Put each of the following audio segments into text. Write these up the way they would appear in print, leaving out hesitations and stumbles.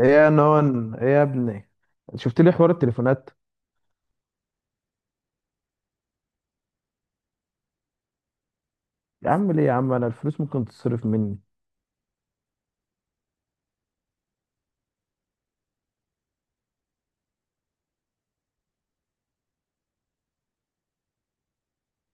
ايه يا نون، ايه يا ابني؟ شفت لي حوار التليفونات؟ يا عم ليه يا عم؟ انا الفلوس ممكن تتصرف مني.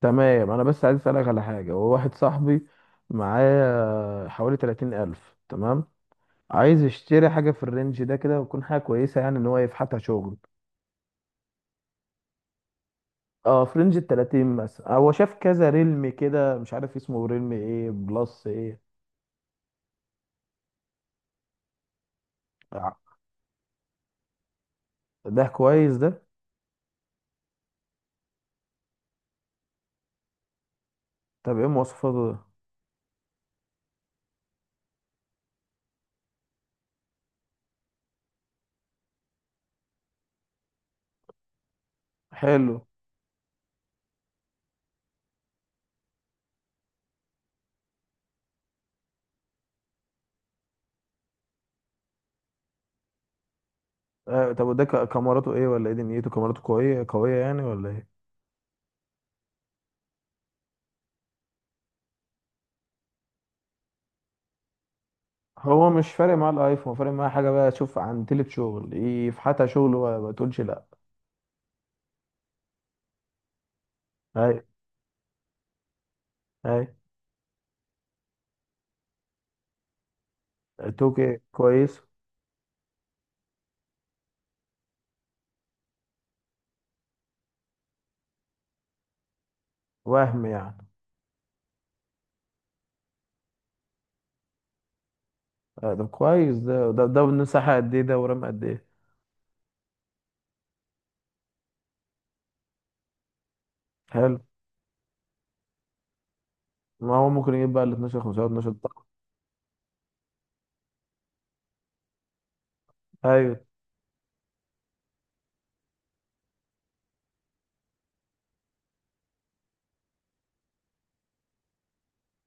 تمام، انا بس عايز اسالك على حاجه. هو واحد صاحبي معاه حوالي 30 الف، تمام. عايز يشتري حاجه في الرينج ده كده، وتكون حاجه كويسه يعني ان هو يفحتها شغل. اه، في رينج ال 30 مثلا. هو شاف كذا ريلم كده، مش عارف اسمه ريلم ايه بلس ايه. آه، ده كويس ده. طب ايه مواصفاته ده؟ حلو. طب وده كاميراته ايه ولا ايه؟ دنيته كاميراته قويه قويه يعني ولا ايه؟ هو مش فارق معاه الايفون، هو فارق معاه حاجه بقى تشوف عن تلت شغل يفحتها شغل وما ما تقولش لا. اي، اي. توكي كويس. وهم يعني؟ ده كويس ده مساحه قد ايه ده ورام قد ايه؟ حلو. ما هو ممكن يجيب بقى ال 12 5 12 طاقه. ايوه،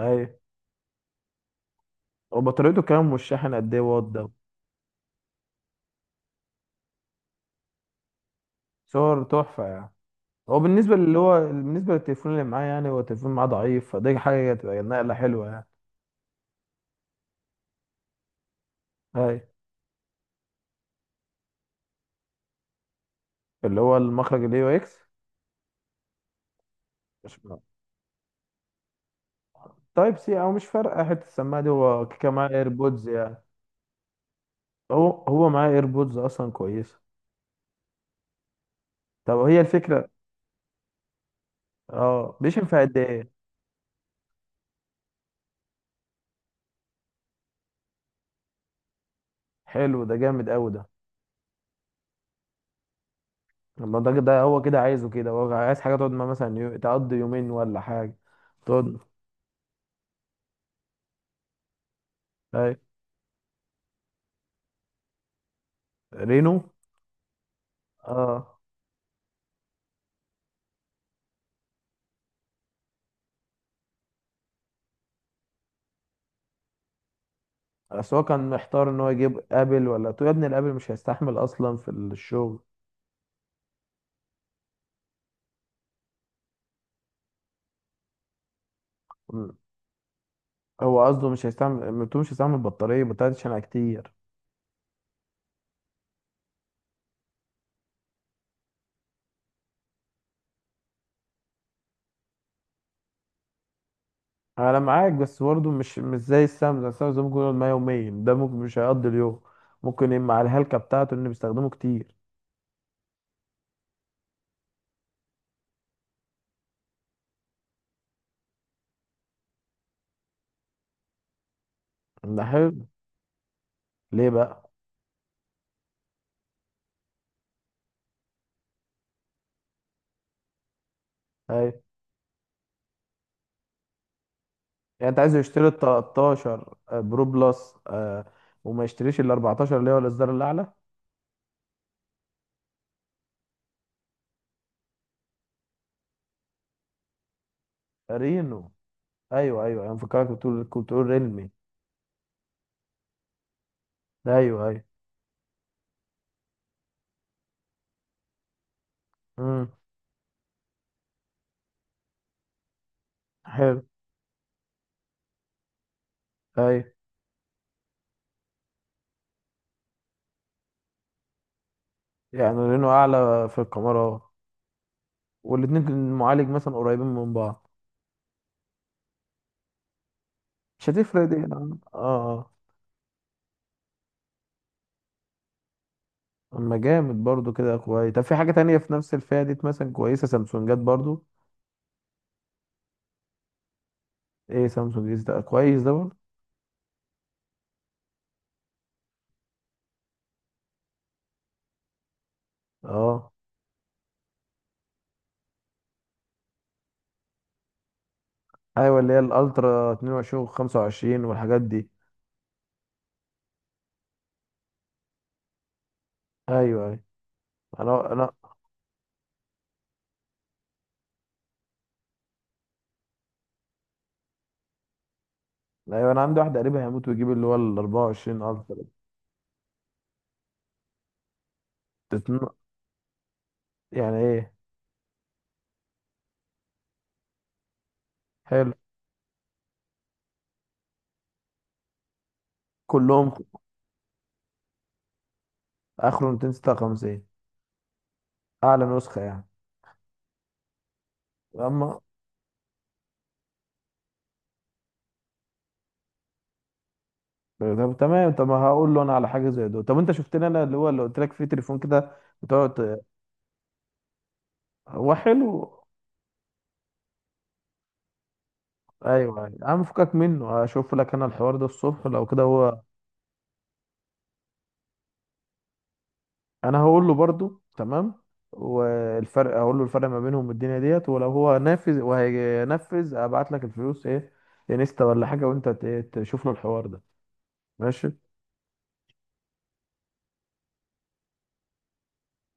ايوه. وبطاريته كام والشاحن قد ايه واط ده؟ صور تحفه يعني. هو بالنسبه اللي هو بالنسبه للتليفون اللي معاه يعني، هو التليفون معاه ضعيف، فدي حاجه هتبقى نقله حلوه يعني. اي. اللي هو المخرج الاي او اكس. تايب سي. او مش فارقه حته السماعه دي، هو كيكه معاه ايربودز يعني. هو معاه ايربودز اصلا كويسه. طب هي الفكره. اه، بيشنفع قد ايه؟ حلو، ده جامد قوي ده. الله، ده هو كده عايزه كده، هو عايز حاجه تقعد معاه مثلا تقضي يومين ولا حاجه. تقعد. اي. رينو. اه. بس هو كان محتار ان هو يجيب ابل ولا تو. يا ابني الابل مش هيستحمل اصلا في الشغل. هو قصده مش هيستعمل بطاريه عشان كتير. انا معاك، بس برضه مش زي السمسم، السمسم ممكن يقعد معاه يومين، ده ممكن مش هيقضي اليوم. ممكن يبقى مع الهلكه بتاعته ان بيستخدمه كتير. ده حلو. ليه بقى؟ اي، يعني انت عايز يشتري ال 13 برو بلس، وما يشتريش ال 14 اللي هو الاصدار الاعلى؟ رينو. ايوه، ايوه، انا فكرك بتقول، كنت بتقول ريلمي. ايوه، ايوه. امم. حلو. ايوه. يعني رينو اعلى في الكاميرا. والاتنين معالج مثلا قريبين من بعض. مش هتفرق دي، اه، اه. اما جامد برضو كده، كويس. طب في حاجة تانية في نفس الفئة دي مثلا كويسة؟ سامسونجات برضو؟ ايه سامسونج دي؟ ده كويس ده برضو؟ اه. ايوه، اللي هي الالترا 22 و25 والحاجات دي. ايوه، ايوه. انا. ايوه انا عندي واحد قريبي هيموت ويجيب اللي هو ال 24 الترا. تتن- يعني ايه؟ حلو. كلهم؟ اخره 256. اعلى نسخة يعني؟ اما. طب تمام. طب ما هقول له انا على حاجة زي دول. طب انت شفت لي انا اللي هو اللي قلت لك فيه تليفون كده؟ بتقعد. هو حلو. ايوه، ايوه، عم فكك منه. هشوف لك انا الحوار ده الصبح لو كده هو. انا هقول له برضو، تمام. والفرق هقول له، الفرق ما بينهم والدنيا ديت، ولو هو نافذ وهينفذ ابعت لك الفلوس ايه، انستا ولا حاجه وانت تشوف له الحوار ده. ماشي.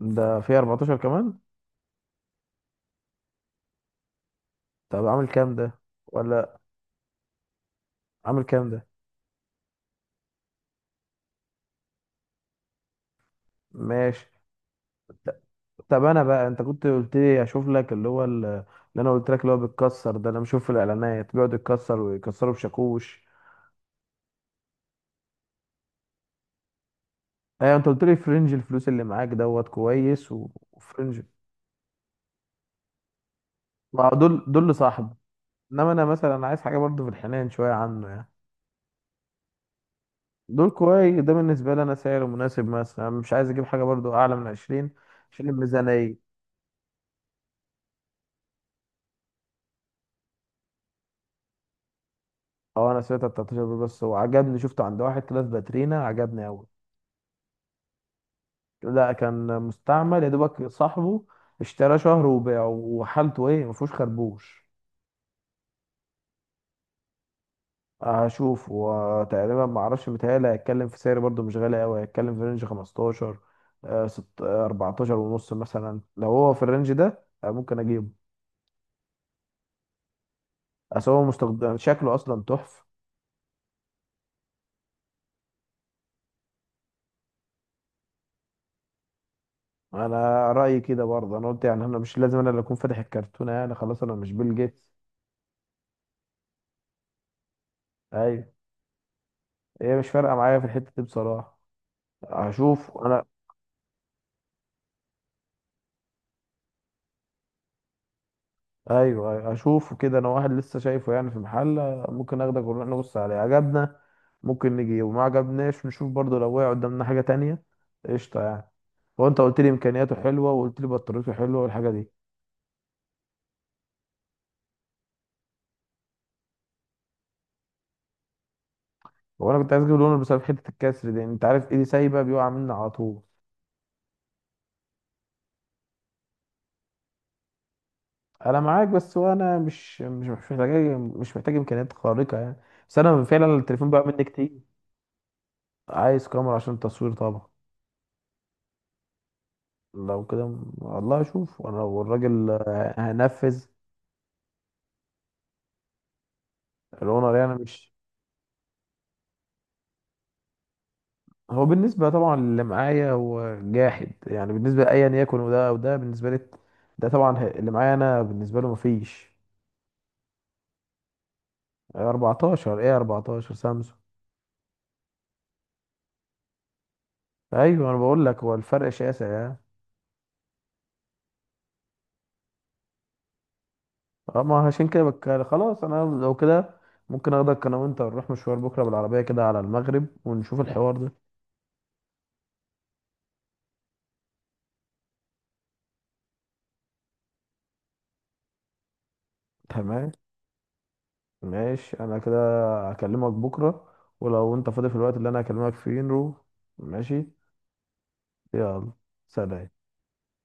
ده في 14 كمان؟ طب عامل كام ده؟ ولا. عامل كام ده؟ ماشي. ط- طب انا بقى، انت كنت قلت لي اشوف لك اللي هو اللي انا قلت لك اللي هو بيتكسر ده، انا بشوف في الاعلانات بيقعد يتكسر ويكسره بشاكوش. ايوه، انت قلت لي في رينج الفلوس اللي معاك دوت كويس وفي رينج. ما هو دول لصاحبه. انما انا مثلا عايز حاجه برضو في الحنان شويه عنه يعني. دول كويس ده بالنسبه لي، انا سعر مناسب مثلا، مش عايز اجيب حاجه برضو اعلى من 20 عشان الميزانيه. اه، انا سمعت 13 دول بس وعجبني، شفته عند واحد كده في باترينا، عجبني قوي. لا، كان مستعمل يا دوبك، صاحبه اشتراه شهر وباعه، وحالته ايه ما فيهوش خربوش. هشوف وتقريبا ما اعرفش، متهيألي هيتكلم في سعر برضو مش غالي قوي، هيتكلم في رينج 15. 14 ونص مثلا، لو هو في الرينج ده ممكن اجيبه. اصل هو مستخدم، شكله اصلا تحفه. انا رايي كده برضه، انا قلت يعني انا مش لازم انا اللي اكون فاتح الكرتونه يعني، خلاص انا مش بيل جيتس. ايوه. هي مش فارقه معايا في الحته دي بصراحه. هشوف انا. ايوه، أيوة، اشوفه كده انا. واحد لسه شايفه يعني في محل. ممكن اخدك ونروح نبص عليه، عجبنا. ممكن نجي وما عجبناش، نشوف برضه لو وقع قدامنا حاجه تانية. قشطه يعني. هو انت قلت لي امكانياته حلوه وقلت لي بطاريته حلوه والحاجه دي. هو انا كنت عايز اجيب لونه بسبب حته الكسر دي، انت عارف ايدي سايبه بيقع مني على طول. انا معاك، بس هو انا مش محتاج. مش محتاج امكانيات خارقه يعني. بس انا فعلا التليفون بقى مني كتير. عايز كاميرا عشان التصوير طبعا. لو كده والله اشوف وانا والراجل هنفذ. الاونر يعني مش. هو بالنسبه طبعا اللي معايا هو جاحد، يعني بالنسبه لايا يكن، وده بالنسبه لي. ده طبعا اللي معايا انا بالنسبه له مفيش. 14 ايه، 14 سامسونج. ايوه انا بقول لك هو الفرق شاسع يعني. اه، ما عشان كده خلاص انا لو كده. ممكن اخدك انا وانت نروح مشوار بكره بالعربيه كده على المغرب ونشوف الحوار ده. تمام. ماشي انا كده. هكلمك بكره. ولو انت فاضي في الوقت اللي انا هكلمك فيه نروح. ماشي. يلا، سلام.